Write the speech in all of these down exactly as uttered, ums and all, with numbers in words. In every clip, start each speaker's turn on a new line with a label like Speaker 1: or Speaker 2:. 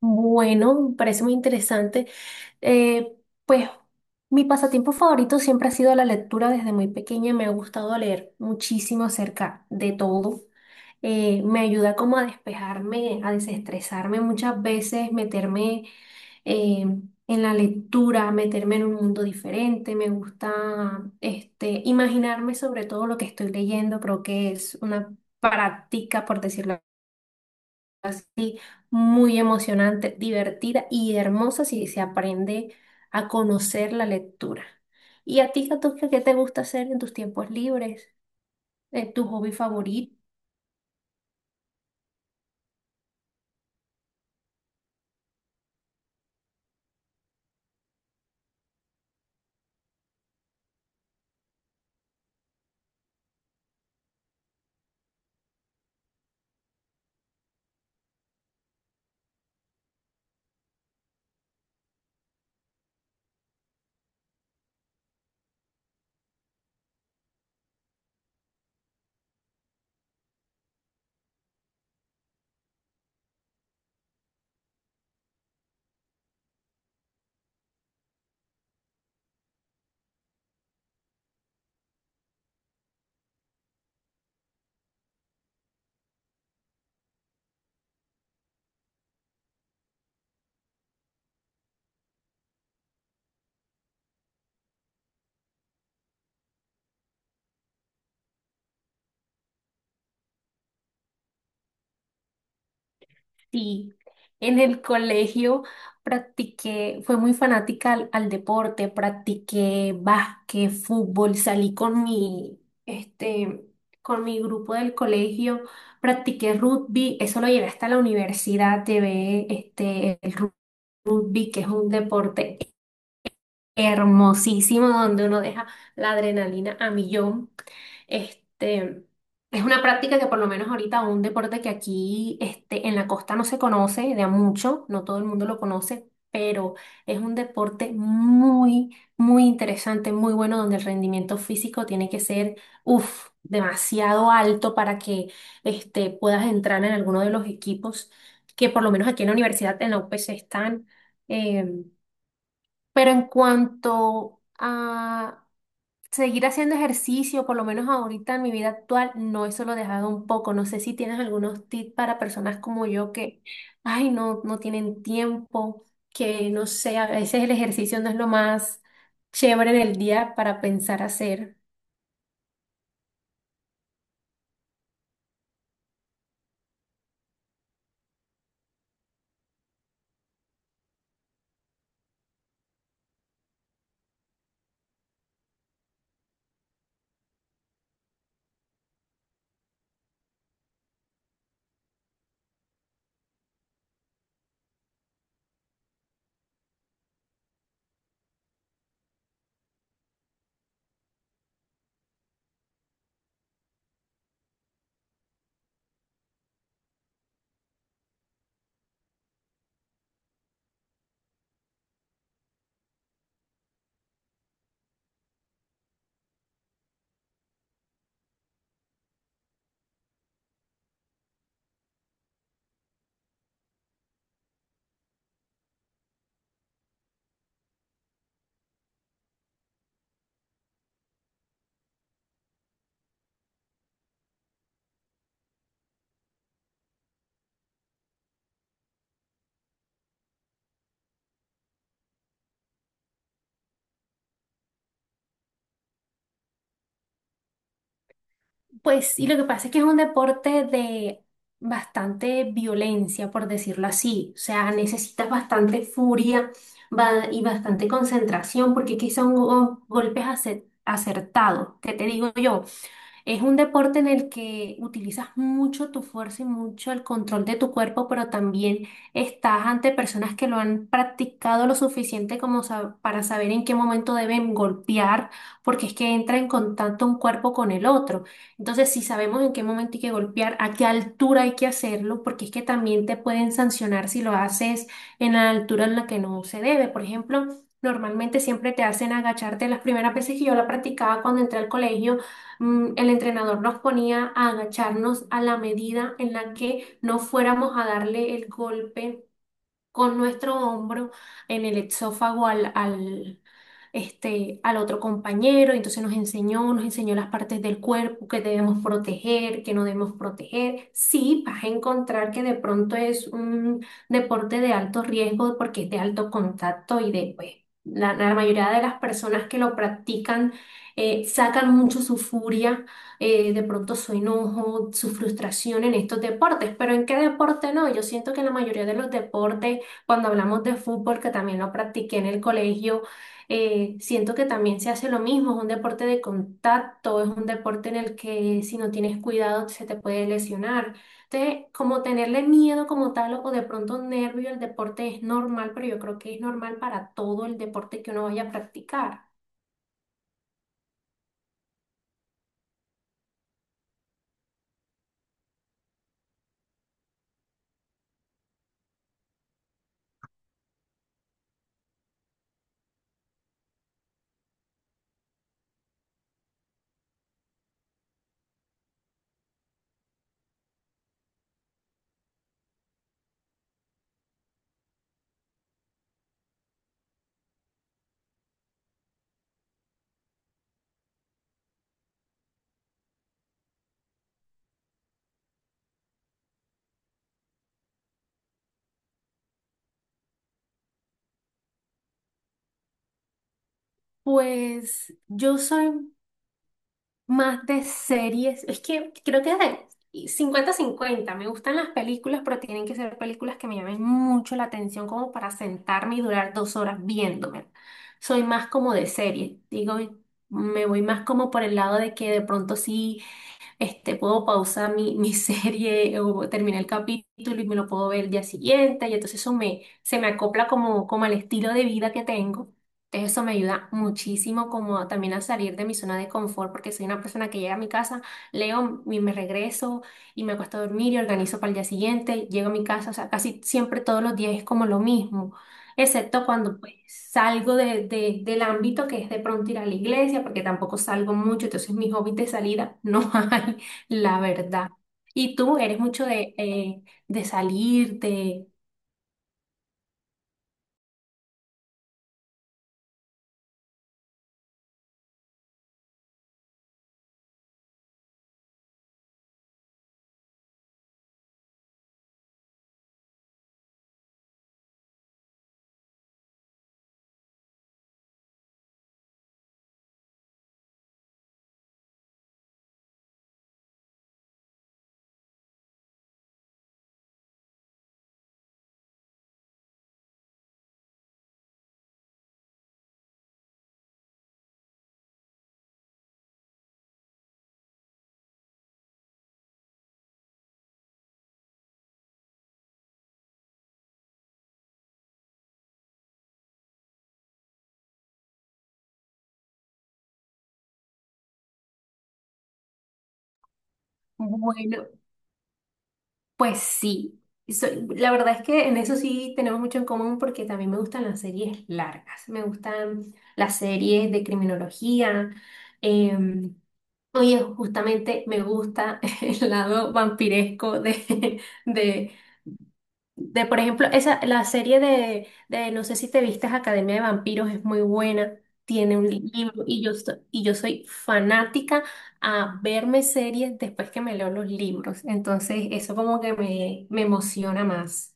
Speaker 1: Bueno, me parece muy interesante. Eh, pues mi pasatiempo favorito siempre ha sido la lectura desde muy pequeña. Me ha gustado leer muchísimo acerca de todo. Eh, me ayuda como a despejarme, a desestresarme muchas veces, meterme eh, en la lectura, meterme en un mundo diferente. Me gusta este, imaginarme sobre todo lo que estoy leyendo. Creo que es una práctica, por decirlo así, muy emocionante, divertida y hermosa si se aprende a conocer la lectura. ¿Y a ti, Katuska, qué te gusta hacer en tus tiempos libres? Eh, ¿tu hobby favorito? Sí. En el colegio practiqué, fue muy fanática al, al deporte, practiqué básquet, fútbol, salí con mi, este, con mi grupo del colegio, practiqué rugby, eso lo llevé hasta la universidad, llevé este, el rugby, que es un deporte hermosísimo donde uno deja la adrenalina a millón. Este, es una práctica que por lo menos ahorita un deporte que aquí este, en la costa no se conoce de a mucho, no todo el mundo lo conoce, pero es un deporte muy, muy interesante, muy bueno donde el rendimiento físico tiene que ser, uff, demasiado alto para que este, puedas entrar en alguno de los equipos que por lo menos aquí en la universidad, en la U P C están. em, pero en cuanto a seguir haciendo ejercicio, por lo menos ahorita en mi vida actual, no, eso lo he dejado un poco. No sé si tienes algunos tips para personas como yo que, ay, no, no tienen tiempo, que no sé, a veces el ejercicio no es lo más chévere del día para pensar hacer. Pues, y lo que pasa es que es un deporte de bastante violencia, por decirlo así. O sea, necesitas bastante furia ba- y bastante concentración, porque aquí son go- golpes ace- acertados. ¿Qué te digo yo? Es un deporte en el que utilizas mucho tu fuerza y mucho el control de tu cuerpo, pero también estás ante personas que lo han practicado lo suficiente como sa- para saber en qué momento deben golpear, porque es que entra en contacto un cuerpo con el otro. Entonces, si sabemos en qué momento hay que golpear, a qué altura hay que hacerlo, porque es que también te pueden sancionar si lo haces en la altura en la que no se debe. Por ejemplo, normalmente siempre te hacen agacharte las primeras veces que yo la practicaba cuando entré al colegio. Mm, El entrenador nos ponía a agacharnos a la medida en la que no fuéramos a darle el golpe con nuestro hombro en el exófago al, al, este, al otro compañero. Entonces nos enseñó, nos enseñó las partes del cuerpo que debemos proteger, que no debemos proteger. Sí, vas a encontrar que de pronto es un deporte de alto riesgo porque es de alto contacto y de, pues, la, la mayoría de las personas que lo practican eh, sacan mucho su furia, eh, de pronto su enojo, su frustración en estos deportes, pero ¿en qué deporte no? Yo siento que en la mayoría de los deportes cuando hablamos de fútbol, que también lo practiqué en el colegio, eh, siento que también se hace lo mismo, es un deporte de contacto, es un deporte en el que si no tienes cuidado se te puede lesionar. Entonces, como tenerle miedo como tal o de pronto nervio al deporte es normal, pero yo creo que es normal para todo el deporte que uno vaya a practicar. Pues yo soy más de series. Es que creo que de 50 cincuenta. Me gustan las películas, pero tienen que ser películas que me llamen mucho la atención como para sentarme y durar dos horas viéndome. Soy más como de serie. Digo, me voy más como por el lado de que de pronto sí. Este, puedo pausar mi, mi serie o terminar el capítulo y me lo puedo ver el día siguiente. Y entonces eso me, se me acopla como, como al estilo de vida que tengo. Entonces eso me ayuda muchísimo como a- también a salir de mi zona de confort porque soy una persona que llega a mi casa, leo y me regreso y me acuesto a dormir y organizo para el día siguiente. Llego a mi casa, o sea, casi siempre todos los días es como lo mismo excepto cuando pues, salgo de- de- del ámbito que es de pronto ir a la iglesia, porque tampoco salgo mucho, entonces mis hobbies de salida no hay, la verdad. ¿Y tú eres mucho de, eh, de salir, de... Bueno, pues sí. Soy- la verdad es que en eso sí tenemos mucho en común porque también me gustan las series largas, me gustan las series de criminología. em, Oye, justamente me gusta el lado vampiresco de, de, De, por ejemplo, esa, la serie de, de, no sé si te vistes, Academia de Vampiros es muy buena, tiene un libro y yo, so- y yo soy fanática a verme series después que me leo los libros, entonces eso como que me, me emociona más.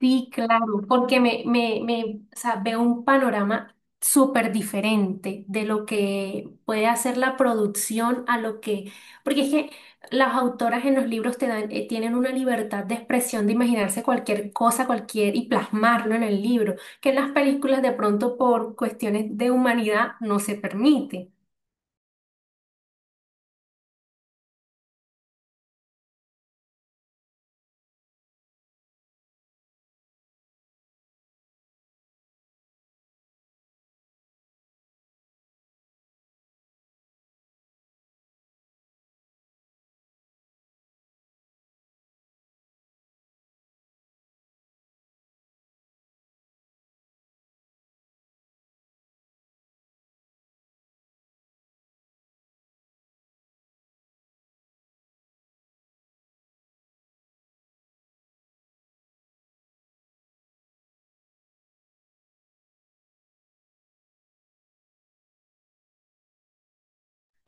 Speaker 1: Sí, claro, porque me, me, me, o sea, veo un panorama súper diferente de lo que puede hacer la producción a lo que, porque es que las autoras en los libros te dan, eh, tienen una libertad de expresión, de imaginarse cualquier cosa, cualquier, y plasmarlo en el libro, que en las películas de pronto por cuestiones de humanidad no se permite.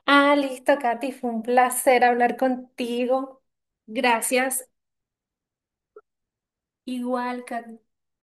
Speaker 1: Ah, listo, Katy, fue un placer hablar contigo. Gracias. Igual, Katy.